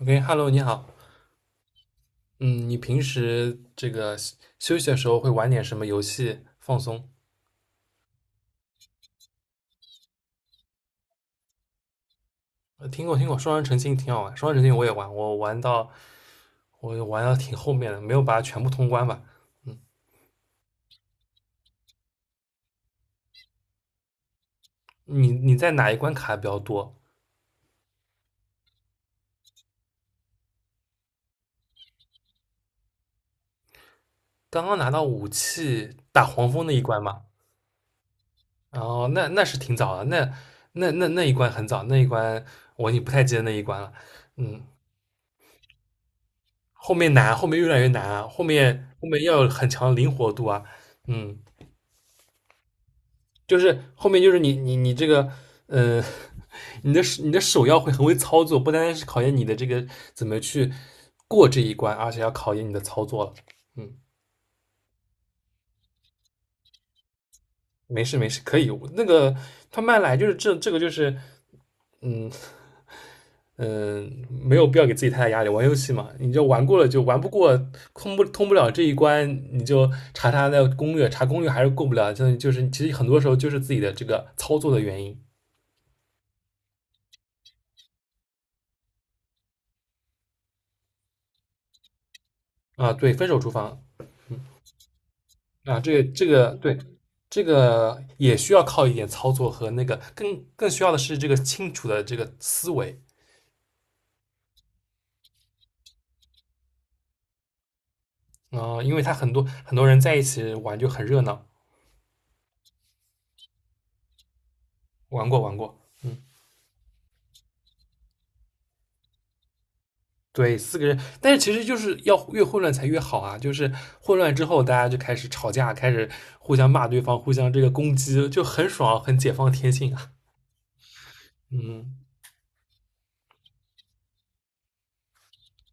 OK，Hello，你好。嗯，你平时这个休息的时候会玩点什么游戏放松？听过听过，双人成行挺好玩。双人成行我也玩，我玩到挺后面的，没有把它全部通关吧。你在哪一关卡的比较多？刚刚拿到武器打黄蜂那一关嘛？哦，那是挺早的，那一关很早，那一关我已经不太记得那一关了。嗯，后面难，后面越来越难啊，后面要有很强的灵活度啊。嗯。就是后面就是你这个，呃，你的手要会很会操作，不单单是考验你的这个怎么去过这一关，而且要考验你的操作了。嗯，没事没事，可以。那个他慢来就是这个就是，嗯没有必要给自己太大压力。玩游戏嘛，你就玩过了就玩不过，通不了这一关，你就查查的攻略，查攻略还是过不了。就是其实很多时候就是自己的这个操作的原因。啊。对，分手厨房啊，这个对，这个也需要靠一点操作和那个更需要的是这个清楚的这个思维，啊，因为他很多很多人在一起玩就很热闹，玩过玩过，嗯，对，四个人，但是其实就是要越混乱才越好啊，就是混乱之后大家就开始吵架，开始互相骂对方，互相这个攻击，就很爽，很解放天性啊，嗯，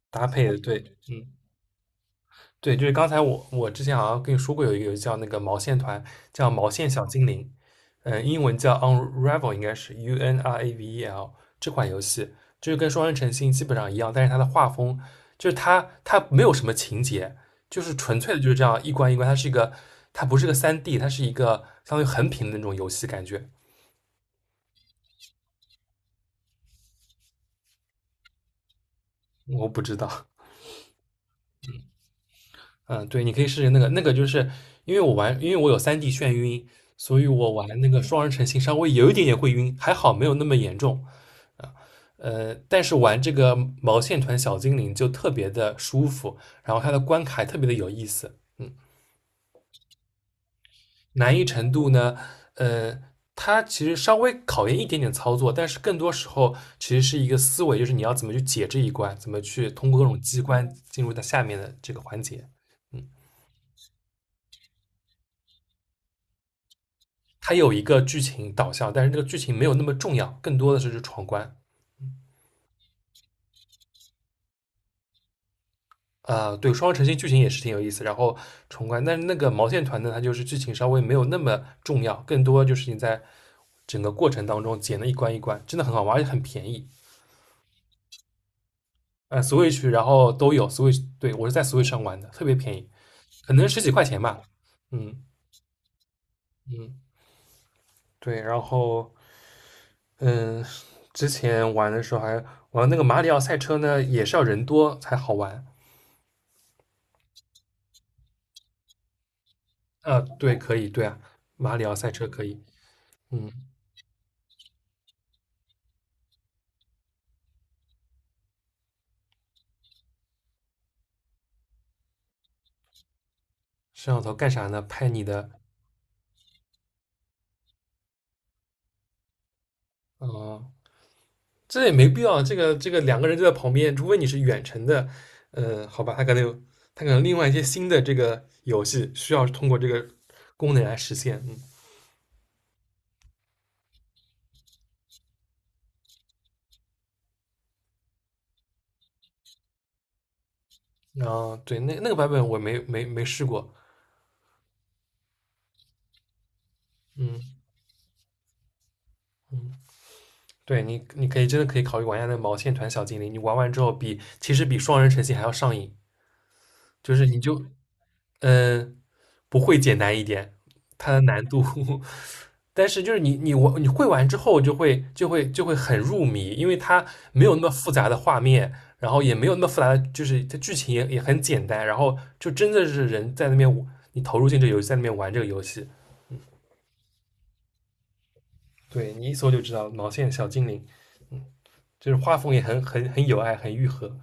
搭配的对，嗯。对，就是刚才我之前好像跟你说过有一个游戏叫那个毛线团，叫毛线小精灵，嗯，英文叫 Unravel，应该是 Unravel 这款游戏，就是跟双人成行基本上一样，但是它的画风就是它没有什么情节，就是纯粹的就是这样一关一关，它不是个三 d， 它是一个相当于横屏的那种游戏感觉，我不知道，嗯，对，你可以试试那个，那个就是因为我有三 d 眩晕，所以我玩那个双人成行稍微有一点点会晕，还好没有那么严重。但是玩这个毛线团小精灵就特别的舒服，然后它的关卡也特别的有意思。嗯，难易程度呢，呃，它其实稍微考验一点点操作，但是更多时候其实是一个思维，就是你要怎么去解这一关，怎么去通过各种机关进入到下面的这个环节。嗯。它有一个剧情导向，但是这个剧情没有那么重要，更多的是去闯关。啊、对，双城星剧情也是挺有意思，然后闯关，但是那个毛线团呢，它就是剧情稍微没有那么重要，更多就是你在整个过程当中捡了一关一关，真的很好玩，而且很便宜。Switch， 然后都有 Switch，对，我是在 Switch 上玩的，特别便宜，可能十几块钱吧。嗯嗯，对，然后嗯，之前玩的时候还玩那个马里奥赛车呢，也是要人多才好玩。啊，对，可以，对啊，马里奥赛车可以。嗯，摄像头干啥呢？拍你的，呃，这也没必要。这个两个人就在旁边，除非你是远程的，好吧，他可能有，他可能另外一些新的这个游戏需要通过这个功能来实现。嗯，然后对，那个版本我没试过。嗯嗯，对，你可以真的可以考虑玩一下那个毛线团小精灵，你玩完之后比其实比双人成行还要上瘾，就是你就嗯、呃不会简单一点，它的难度 但是就是你会玩之后就会很入迷，因为它没有那么复杂的画面，然后也没有那么复杂的，就是它剧情也很简单，然后就真的是人在那边你投入进这个游戏，在那边玩这个游戏，对，你一搜就知道毛线小精灵，就是画风也很有爱，很愈合。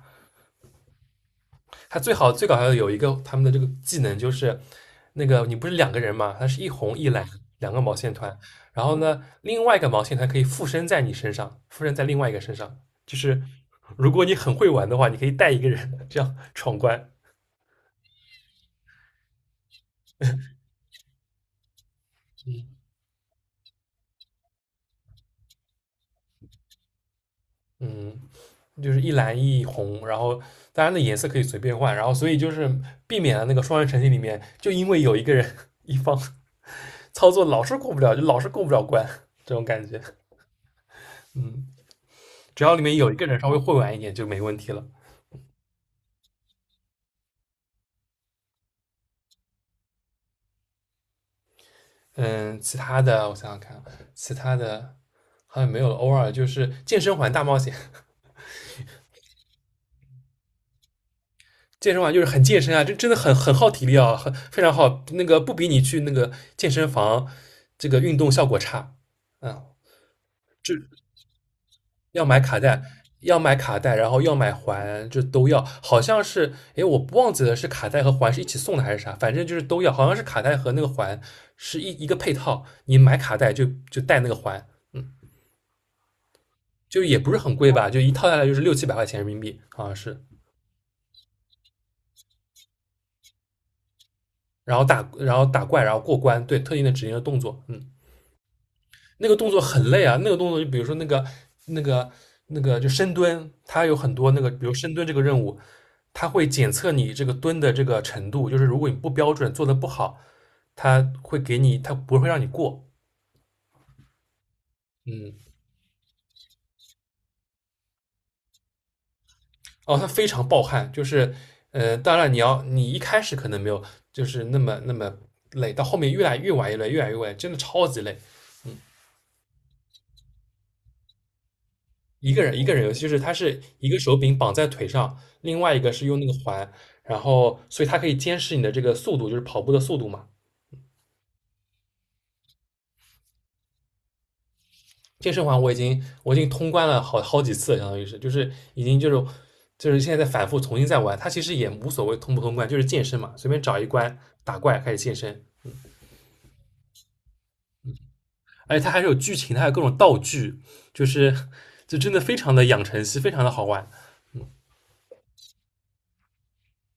他最好最搞笑的有一个他们的这个技能就是，那个你不是两个人嘛，它是一红一蓝两个毛线团，然后呢，另外一个毛线团可以附身在你身上，附身在另外一个身上，就是如果你很会玩的话，你可以带一个人这样闯关。嗯，就是一蓝一红，然后当然的颜色可以随便换，然后所以就是避免了那个双人成行里面，就因为有一个人 一方操作老是过不了，就老是过不了关 这种感觉。嗯。只要里面有一个人稍微会玩一点就没问题了。嗯，其他的我想想看，其他的好像没有了。偶尔就是健身环大冒险，健身环就是很健身啊，这真的很耗体力啊，很非常耗。那个不比你去那个健身房这个运动效果差。嗯，要买卡带，要买卡带，然后要买环，就都要。好像是，诶，我忘记了是卡带和环是一起送的还是啥，反正就是都要。好像是卡带和那个环是一个配套，你买卡带就带那个环。嗯，就也不是很贵吧，就一套下来就是六七百块钱人民币啊，好像是。然后打怪，然后过关，对特定的指令的动作，嗯，那个动作很累啊，那个动作就比如说那个那个就深蹲，它有很多那个，比如深蹲这个任务，它会检测你这个蹲的这个程度，就是如果你不标准做的不好，它会给你，它不会让你过，嗯，哦，它非常暴汗，就是当然你一开始可能没有就是那么那么累，到后面越来越晚越累，越来越晚，真的超级累，一个人游戏，就是它是一个手柄绑在腿上，另外一个是用那个环，然后所以它可以监视你的这个速度，就是跑步的速度嘛。健身环我已经通关了好好几次了，相当于是就是已经就是现在在反复重新再玩，它其实也无所谓通不通关，就是健身嘛，随便找一关打怪开始健身，而且它还是有剧情，它还有各种道具，就是就真的非常的养成系，非常的好玩。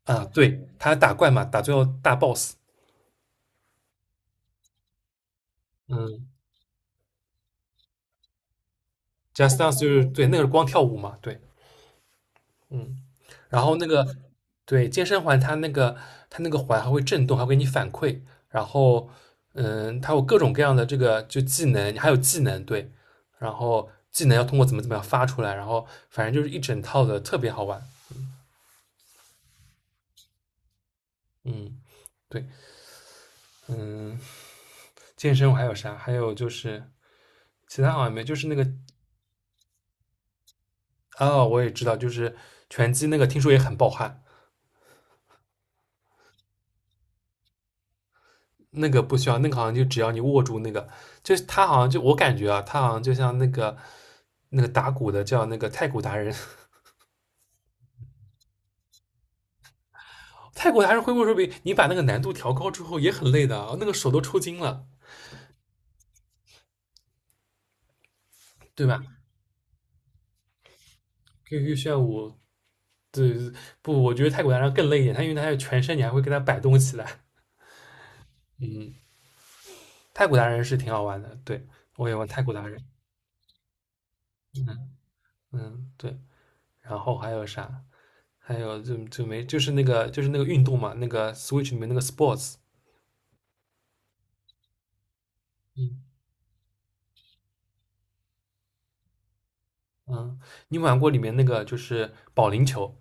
啊。对，它打怪嘛，打最后大 boss，嗯，Just Dance 就是对那个是光跳舞嘛，对。嗯，然后那个，对，健身环它那个环还会震动，还会给你反馈，然后它有各种各样的这个就技能，还有技能，对，然后技能要通过怎么样发出来，然后反正就是一整套的，特别好玩。嗯，对，嗯，健身我还有啥？还有就是其他好像没，就是那个哦，我也知道，就是拳击那个，听说也很爆汗。那个不需要，那个好像就只要你握住那个，就是他好像就我感觉啊，他好像就像那个打鼓的叫那个太鼓达人，太鼓达人挥霍手柄，你把那个难度调高之后也很累的啊，那个手都抽筋了，对吧？QQ 炫舞，对，不，我觉得太鼓达人更累一点，他因为他有全身，你还会跟他摆动起来，嗯，太鼓达人是挺好玩的，对我也玩太鼓达人，嗯，对，然后还有啥？还有就没就是那个就是那个运动嘛，那个 Switch 里面那个 Sports，嗯。嗯，你有没有玩过里面那个就是保龄球，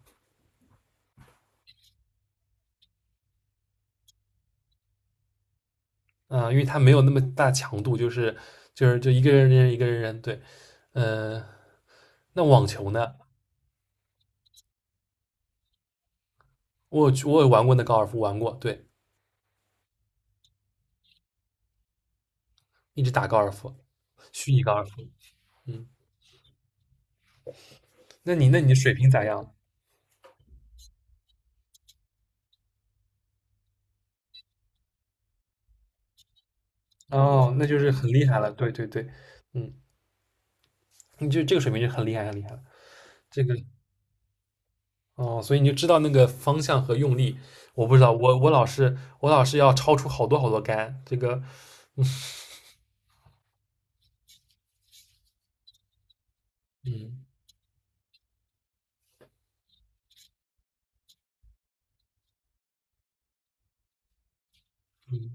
嗯，因为它没有那么大强度，就是就一个人扔一个人扔，对，呃，那网球呢？我有去我也玩过那高尔夫，玩过，对，一直打高尔夫，虚拟高尔夫，嗯，那你的水平咋样？哦，那就是很厉害了，对对对，嗯，你就这个水平就很厉害很厉害了，这个哦，所以你就知道那个方向和用力，我不知道，我老是要超出好多好多杆，这个，嗯嗯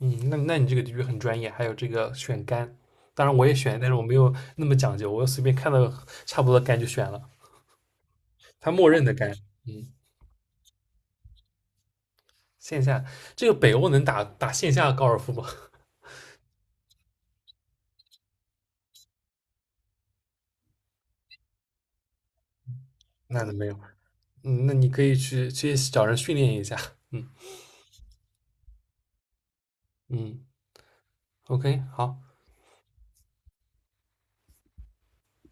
嗯，那你这个的确很专业，还有这个选杆，当然我也选，但是我没有那么讲究，我随便看到差不多的杆就选了，它默认的杆。嗯，线下这个北欧能打打线下高尔夫吗？那没有，嗯，那你可以去找人训练一下。嗯嗯，OK，好。